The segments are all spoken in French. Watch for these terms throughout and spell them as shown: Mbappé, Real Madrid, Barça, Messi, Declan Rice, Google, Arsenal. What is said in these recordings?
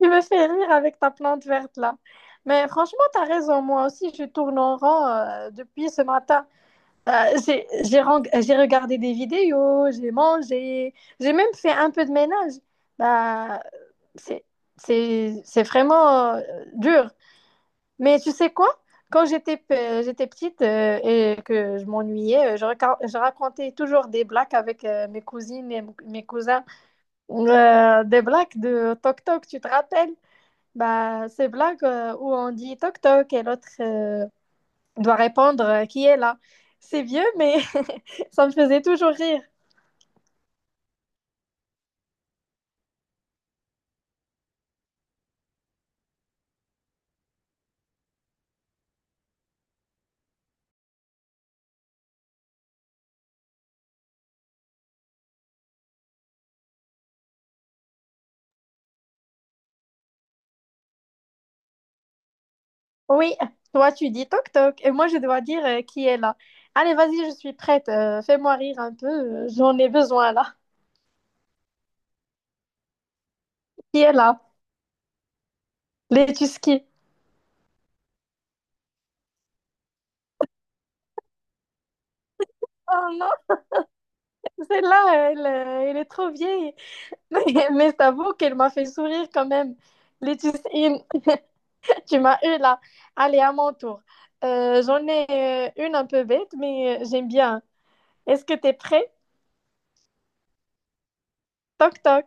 Tu me fais rire avec ta plante verte là. Mais franchement, tu as raison. Moi aussi, je tourne en rond depuis ce matin. J'ai regardé des vidéos, j'ai mangé, j'ai même fait un peu de ménage. Bah, c'est, c'est vraiment dur. Mais tu sais quoi? J'étais petite et que je m'ennuyais, je racontais toujours des blagues avec mes cousines et mes cousins. Des blagues de toc toc, tu te rappelles? Bah, ces blagues où on dit toc toc et l'autre doit répondre qui est là. C'est vieux, mais ça me faisait toujours rire. Oui, toi tu dis toc toc et moi je dois dire qui est là. Allez, vas-y, je suis prête. Fais-moi rire un peu, j'en ai besoin là. Qui est là? Les Tuskis. Oh non, celle-là, elle, elle est trop vieille. Mais, mais je t'avoue qu'elle m'a fait sourire quand même. Les Tuskis. Tu m'as eu là. Allez, à mon tour. J'en ai une un peu bête, mais j'aime bien. Est-ce que t'es prêt? Toc toc.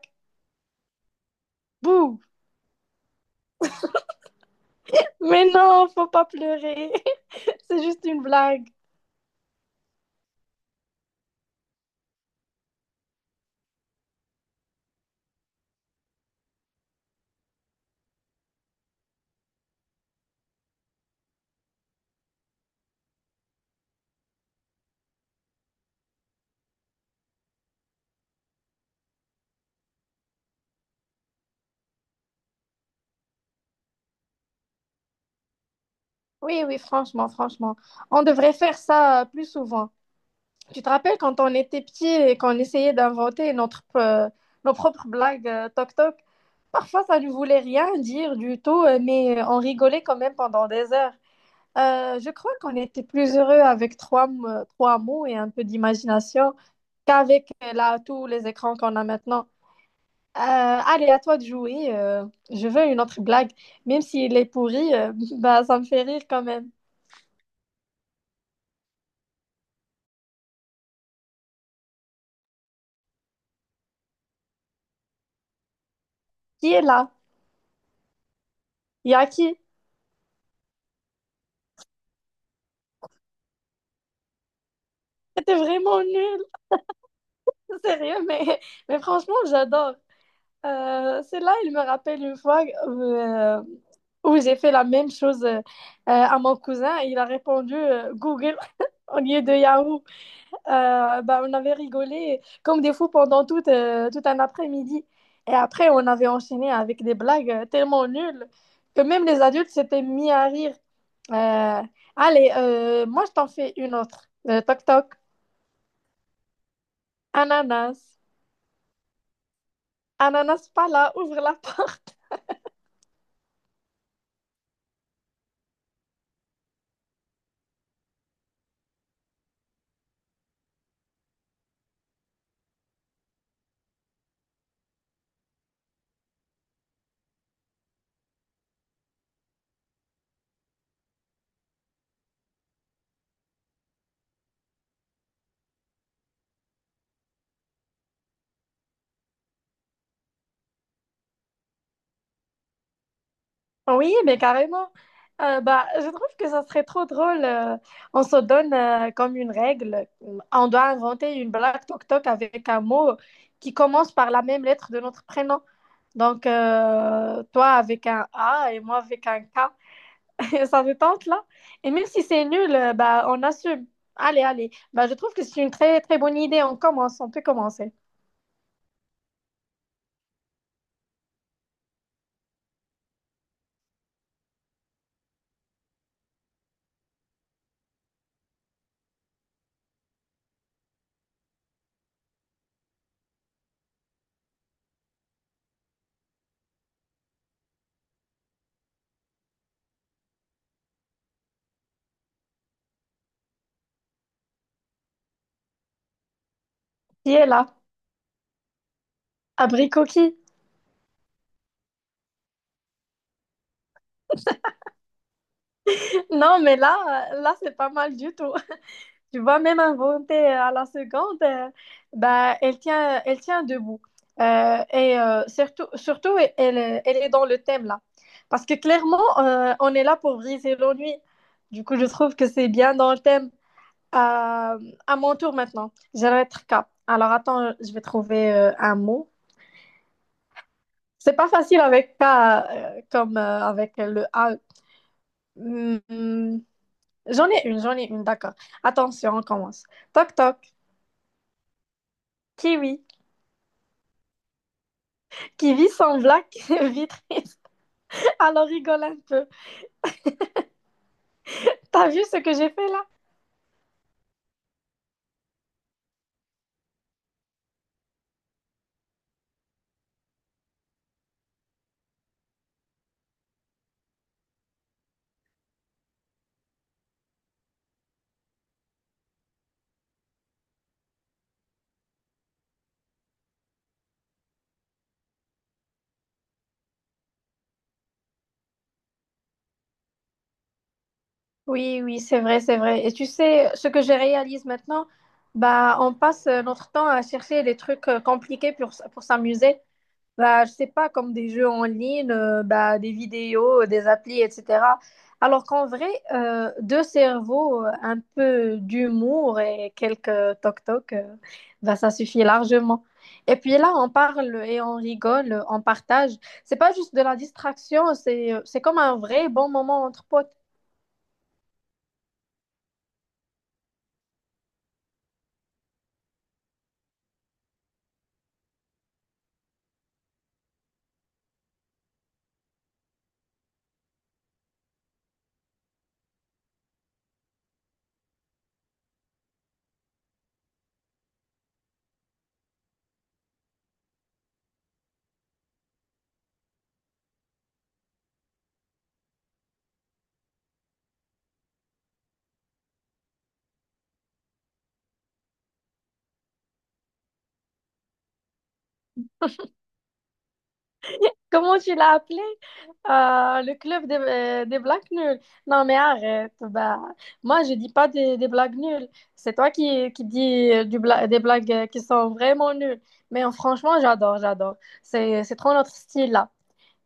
Bouh. Mais non, faut pas pleurer. C'est juste une blague. Oui, oui, franchement, franchement. On devrait faire ça plus souvent. Tu te rappelles quand on était petits et qu'on essayait d'inventer notre, nos propres blagues toc toc? Parfois, ça ne voulait rien dire du tout, mais on rigolait quand même pendant des heures. Je crois qu'on était plus heureux avec trois mots et un peu d'imagination qu'avec là tous les écrans qu'on a maintenant. Allez, à toi de jouer. Je veux une autre blague. Même s'il est pourri, bah, ça me fait rire quand même. Qui est là? Il y a qui? C'était vraiment nul. Sérieux, mais franchement, j'adore. Celle-là, il me rappelle une fois où j'ai fait la même chose à mon cousin. Il a répondu Google au lieu de Yahoo. Bah, on avait rigolé comme des fous pendant tout un après-midi. Et après, on avait enchaîné avec des blagues tellement nulles que même les adultes s'étaient mis à rire. Euh, Moi, je t'en fais une autre. Toc, toc. Ananas. Ananas, pas là, ouvre la porte. Oui, mais carrément. Bah, je trouve que ça serait trop drôle. On se donne comme une règle. On doit inventer une blague toc-toc avec un mot qui commence par la même lettre de notre prénom. Donc, toi avec un A et moi avec un K. Ça te tente, là? Et même si c'est nul, bah, on assume. Allez, allez. Bah, je trouve que c'est une très, très bonne idée. On peut commencer. Qui est là? Abricot qui? Non, mais là, là, c'est pas mal du tout. Tu vois, même inventée à la seconde, bah, elle tient debout. Et surtout, elle est dans le thème là. Parce que clairement, on est là pour briser l'ennui. Du coup, je trouve que c'est bien dans le thème. Euh, à mon tour maintenant, j'aimerais être K. Alors attends, je vais trouver un mot. C'est pas facile avec K comme avec le A. Hmm, hmm. J'en ai une, j'en ai une, d'accord. Attention, on commence. Toc toc, kiwi. Qui vit sans blague vit triste. Alors rigole un peu. T'as vu ce que j'ai fait là? Oui, oui, c'est vrai, c'est vrai. Et tu sais, ce que je réalise maintenant, bah, on passe notre temps à chercher des trucs compliqués pour, pour s'amuser. Bah, je sais pas, comme des jeux en ligne, bah, des vidéos, des applis, etc. Alors qu'en vrai, deux cerveaux, un peu d'humour et quelques toc-toc, bah, ça suffit largement. Et puis là, on parle et on rigole, on partage. C'est pas juste de la distraction, c'est comme un vrai bon moment entre potes. Comment tu l'as appelé? Ah, le club des blagues nulles. Non, mais arrête. Bah, moi, je dis pas des, des blagues nulles. C'est toi qui dis des blagues qui sont vraiment nulles. Mais franchement, j'adore, j'adore. C'est trop notre style là.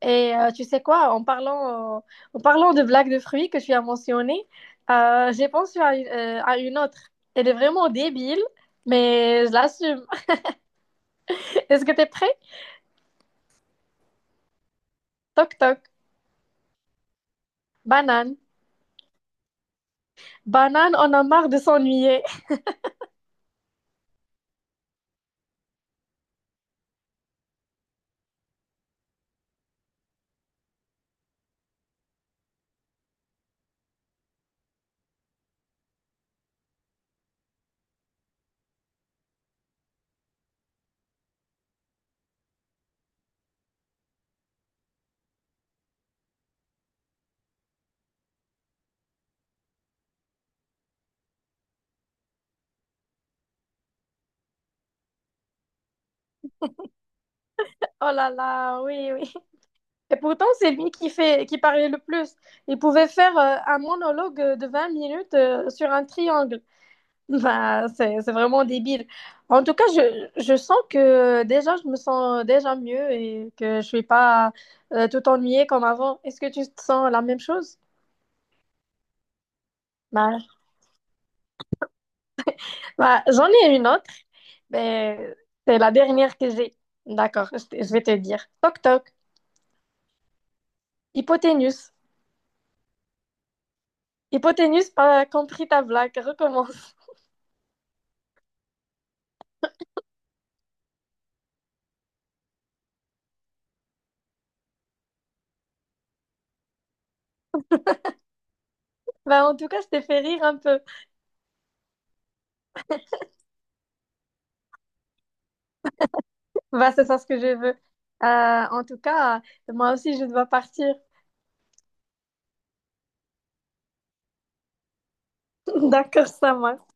Et tu sais quoi, en parlant de blagues de fruits que tu as mentionnées, j'ai pensé à une autre. Elle est vraiment débile, mais je l'assume. Est-ce que tu es prêt? Toc toc. Banane. Banane, on a marre de s'ennuyer. Oh là là, oui, oui. Et pourtant, c'est lui qui fait, qui parlait le plus. Il pouvait faire un monologue de 20 minutes sur un triangle. Bah, c'est vraiment débile. En tout cas, je sens que déjà, je me sens déjà mieux et que je suis pas tout ennuyée comme avant. Est-ce que tu te sens la même chose? Bah, bah, j'en ai une autre, mais c'est la dernière que j'ai. D'accord, je vais te dire. Toc toc, hypoténuse. Hypoténuse, pas compris ta blague, recommence. Bah, en tout cas, je t'ai fait rire un peu. Bah, c'est ça ce que je veux. En tout cas, moi aussi, je dois partir. D'accord, ça marche.